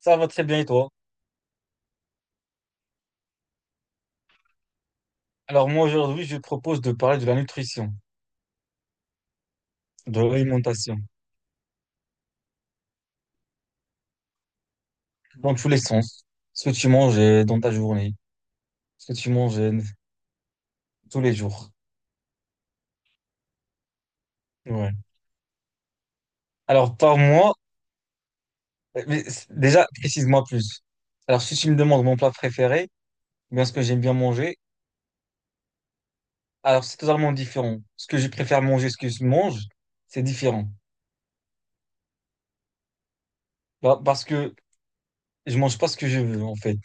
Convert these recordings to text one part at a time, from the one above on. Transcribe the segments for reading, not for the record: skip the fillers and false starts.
Ça va très bien et toi? Alors moi aujourd'hui, je propose de parler de la nutrition, de l'alimentation, dans tous les sens. Ce que tu manges dans ta journée, ce que tu manges tous les jours. Ouais. Alors par mois, mais déjà, précise-moi plus. Alors si tu me demandes mon plat préféré, ou bien ce que j'aime bien manger, alors c'est totalement différent. Ce que je préfère manger, ce que je mange, c'est différent. Bah, parce que je mange pas ce que je veux en fait.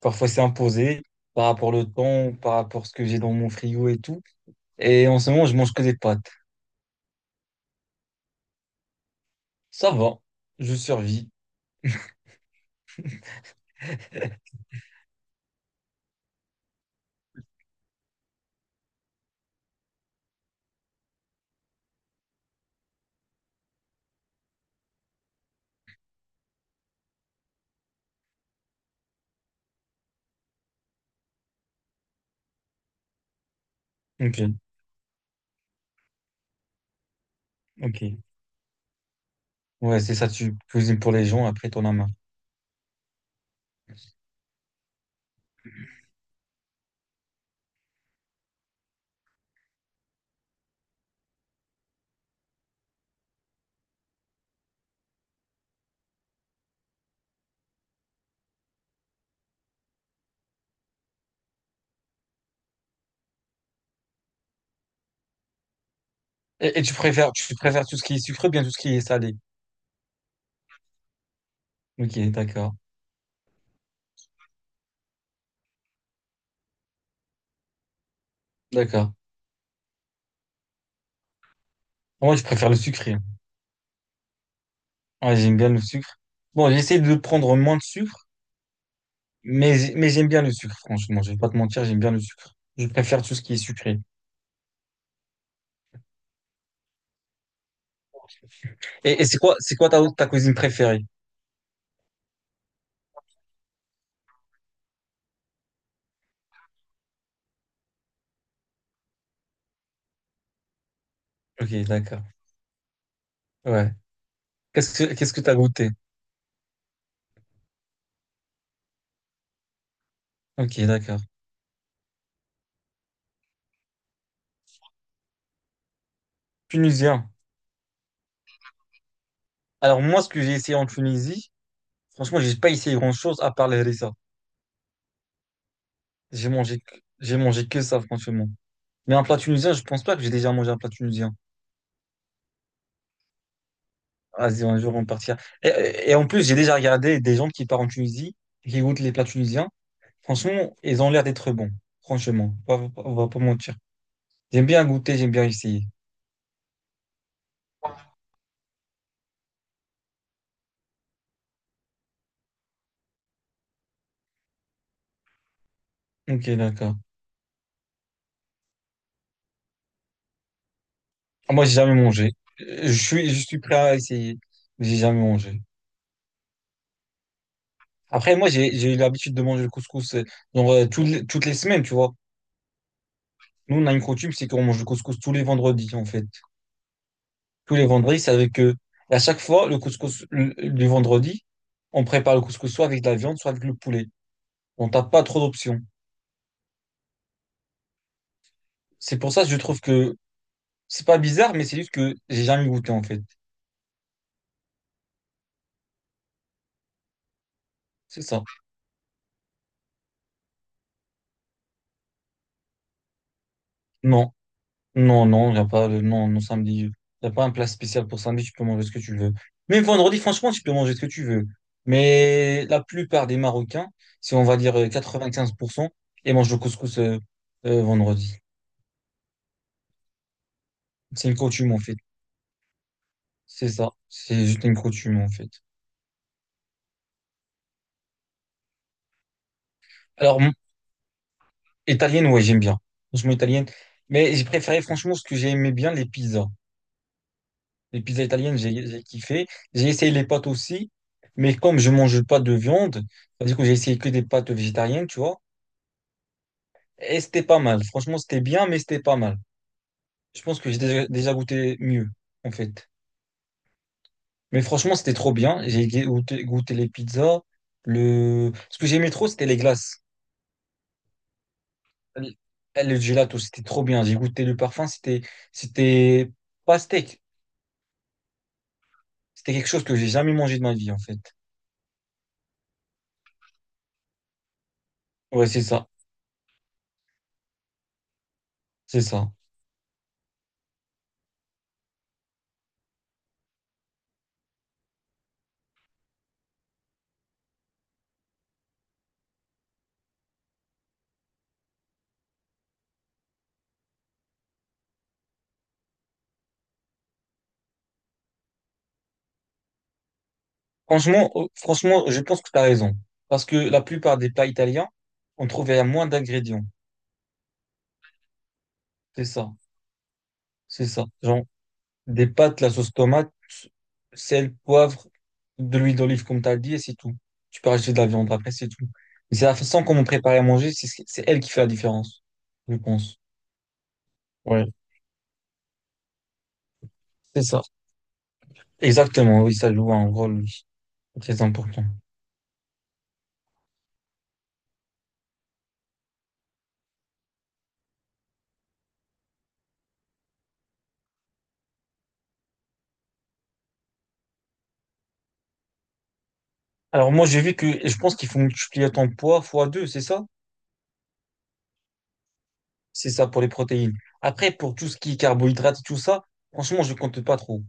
Parfois c'est imposé par rapport au temps, par rapport à ce que j'ai dans mon frigo et tout. Et en ce moment, je mange que des pâtes. Ça va, je survis. Ok, ok. Ouais, c'est ça, tu cuisines pour les gens, après t'en as marre. Et tu préfères tout ce qui est sucré, ou bien tout ce qui est salé. Ok, d'accord, d'accord. Moi, je préfère le sucré. Ouais, j'aime bien le sucre. Bon, j'essaie de prendre moins de sucre, mais j'aime bien le sucre, franchement. Je vais pas te mentir, j'aime bien le sucre. Je préfère tout ce qui est sucré. Et c'est quoi ta cuisine préférée? Ok, d'accord. Ouais. Qu'est-ce que t'as goûté? Ok, d'accord. Tunisien. Alors, moi, ce que j'ai essayé en Tunisie. Franchement, j'ai pas essayé grand-chose à part les harissa. J'ai mangé que ça, franchement. Mais un plat tunisien, je pense pas que j'ai déjà mangé un plat tunisien. Vas-y, un jour, on partira. Et en plus, j'ai déjà regardé des gens qui partent en Tunisie et qui goûtent les plats tunisiens. Franchement, ils ont l'air d'être bons. Franchement, on va pas mentir. J'aime bien goûter, j'aime bien essayer. Ok, d'accord. Ah, moi, j'ai jamais mangé. Je suis prêt à essayer, mais j'ai jamais mangé. Après, moi, j'ai eu l'habitude de manger le couscous, genre, toutes les semaines, tu vois. Nous, on a une coutume, c'est qu'on mange le couscous tous les vendredis, en fait. Tous les vendredis, c'est avec eux. Et à chaque fois, le couscous du vendredi, on prépare le couscous soit avec de la viande, soit avec le poulet. On n'a pas trop d'options. C'est pour ça que je trouve que c'est pas bizarre, mais c'est juste que j'ai jamais goûté, en fait. C'est ça. Non, non, non, il n'y a pas de, non, non, samedi. Il n'y a pas un plat spécial pour samedi, tu peux manger ce que tu veux. Même vendredi, franchement, tu peux manger ce que tu veux. Mais la plupart des Marocains, si on va dire 95%, ils mangent le couscous vendredi. C'est une coutume en fait. C'est ça. C'est juste une coutume en fait. Alors, italienne, ouais, j'aime bien. Franchement, italienne. Mais j'ai préféré, franchement, ce que j'ai aimé bien, les pizzas. Les pizzas italiennes, j'ai kiffé. J'ai essayé les pâtes aussi. Mais comme je mange pas de viande, c'est-à-dire que j'ai essayé que des pâtes végétariennes, tu vois. Et c'était pas mal. Franchement, c'était bien, mais c'était pas mal. Je pense que j'ai déjà goûté mieux, en fait. Mais franchement, c'était trop bien. J'ai goûté les pizzas. Ce que j'aimais trop, c'était les glaces. l- le gelato, c'était trop bien. J'ai goûté le parfum, c'était pas steak. C'était quelque chose que j'ai jamais mangé de ma vie, en fait. Ouais, c'est ça, c'est ça. Franchement, je pense que tu as raison. Parce que la plupart des plats italiens, on trouve il y a moins d'ingrédients. C'est ça, c'est ça. Genre, des pâtes, la sauce tomate, sel, poivre, de l'huile d'olive, comme tu as dit, et c'est tout. Tu peux rajouter de la viande après, c'est tout. Mais c'est la façon qu'on prépare à manger, c'est elle qui fait la différence, je pense. Ouais, c'est ça. Exactement, oui, ça joue un rôle, oui, très important. Alors moi, j'ai vu que et je pense qu'il faut multiplier ton poids fois 2, c'est ça? C'est ça pour les protéines. Après, pour tout ce qui est carbohydrates et tout ça, franchement, je compte pas trop.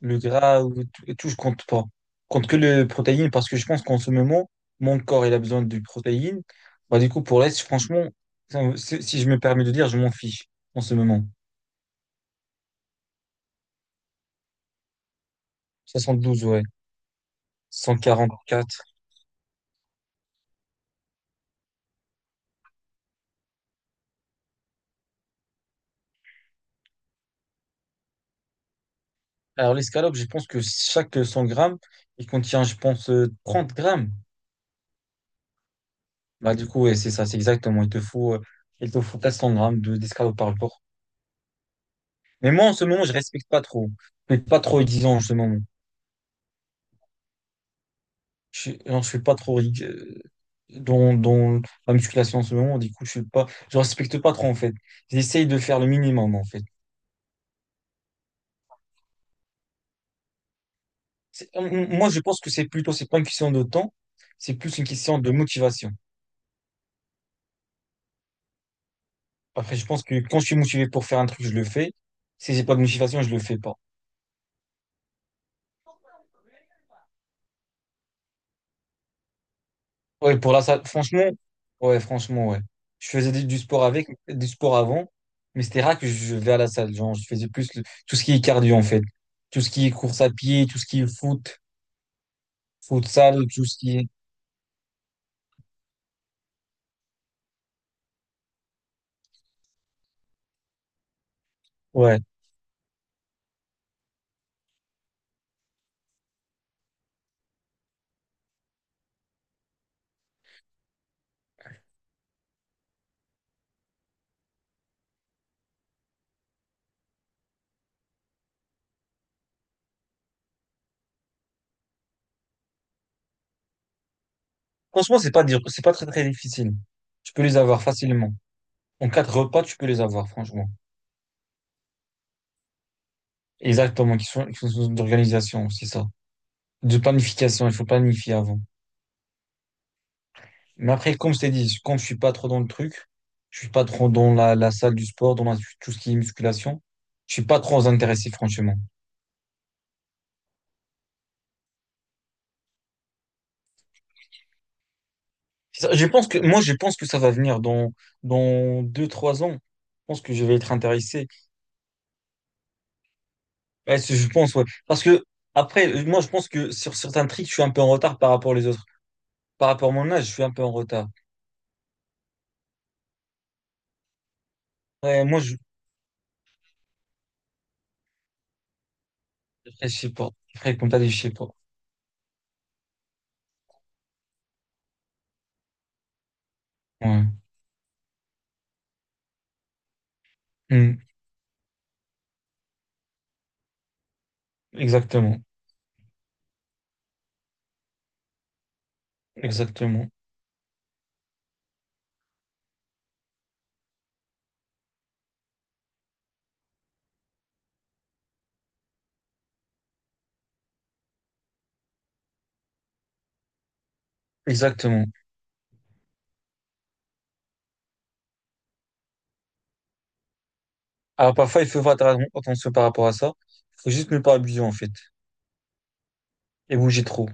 Le gras ou tout, et tout, je compte pas. Je compte que les protéines parce que je pense qu'en ce moment, mon corps, il a besoin de protéines. Bah, du coup, pour l'Est, franchement, si je me permets de dire, je m'en fiche en ce moment. 72, ouais. Cent quarante quatre. Alors, l'escalope, je pense que chaque 100 grammes, il contient, je pense, 30 grammes. Bah, du coup, ouais, c'est ça, c'est exactement. Il te faut 400 grammes d'escalope par jour. Mais moi, en ce moment, je respecte pas trop. Je suis pas trop exigeant en ce moment. Non, je suis pas trop dans la musculation en ce moment. Du coup, je respecte pas trop, en fait. J'essaye de faire le minimum, en fait. Moi, je pense que c'est pas une question de temps, c'est plus une question de motivation. Après, je pense que quand je suis motivé pour faire un truc, je le fais. Si j'ai pas de motivation, je le fais pas. Ouais, pour la salle, franchement, ouais, franchement, ouais. Je faisais du sport avant, mais c'était rare que je vais à la salle. Genre, je faisais plus tout ce qui est cardio, en fait. Tout ce qui est course à pied, tout ce qui est foot, futsal, tout ce qui est, ouais. Franchement, c'est pas dur, c'est pas très, très difficile. Tu peux les avoir facilement. En quatre repas, tu peux les avoir, franchement. Exactement, qui sont d'organisation, c'est ça. De planification, il faut planifier avant. Mais après, comme je t'ai dit, comme je suis pas trop dans le truc, je suis pas trop dans la salle du sport, tout ce qui est musculation, je suis pas trop intéressé, franchement. C'est ça. Je pense que ça va venir dans 2, 3 ans. Je pense que je vais être intéressé. Ouais, je pense, ouais. Parce que, après, moi, je pense que sur certains trucs, je suis un peu en retard par rapport aux autres. Par rapport à mon âge, je suis un peu en retard. Ouais, après, je sais pas. Après, comme t'as dit, je sais pas. Ouais. Hmm. Exactement. Exactement. Exactement. Alors parfois, il faut faire attention par rapport à ça. Il faut juste ne pas abuser en fait et bouger trop.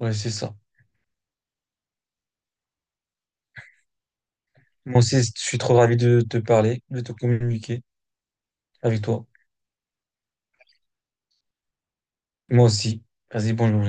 Ouais, c'est ça. Moi aussi, je suis trop ravi de te parler, de te communiquer avec toi. Moi aussi. Vas-y, bonjour.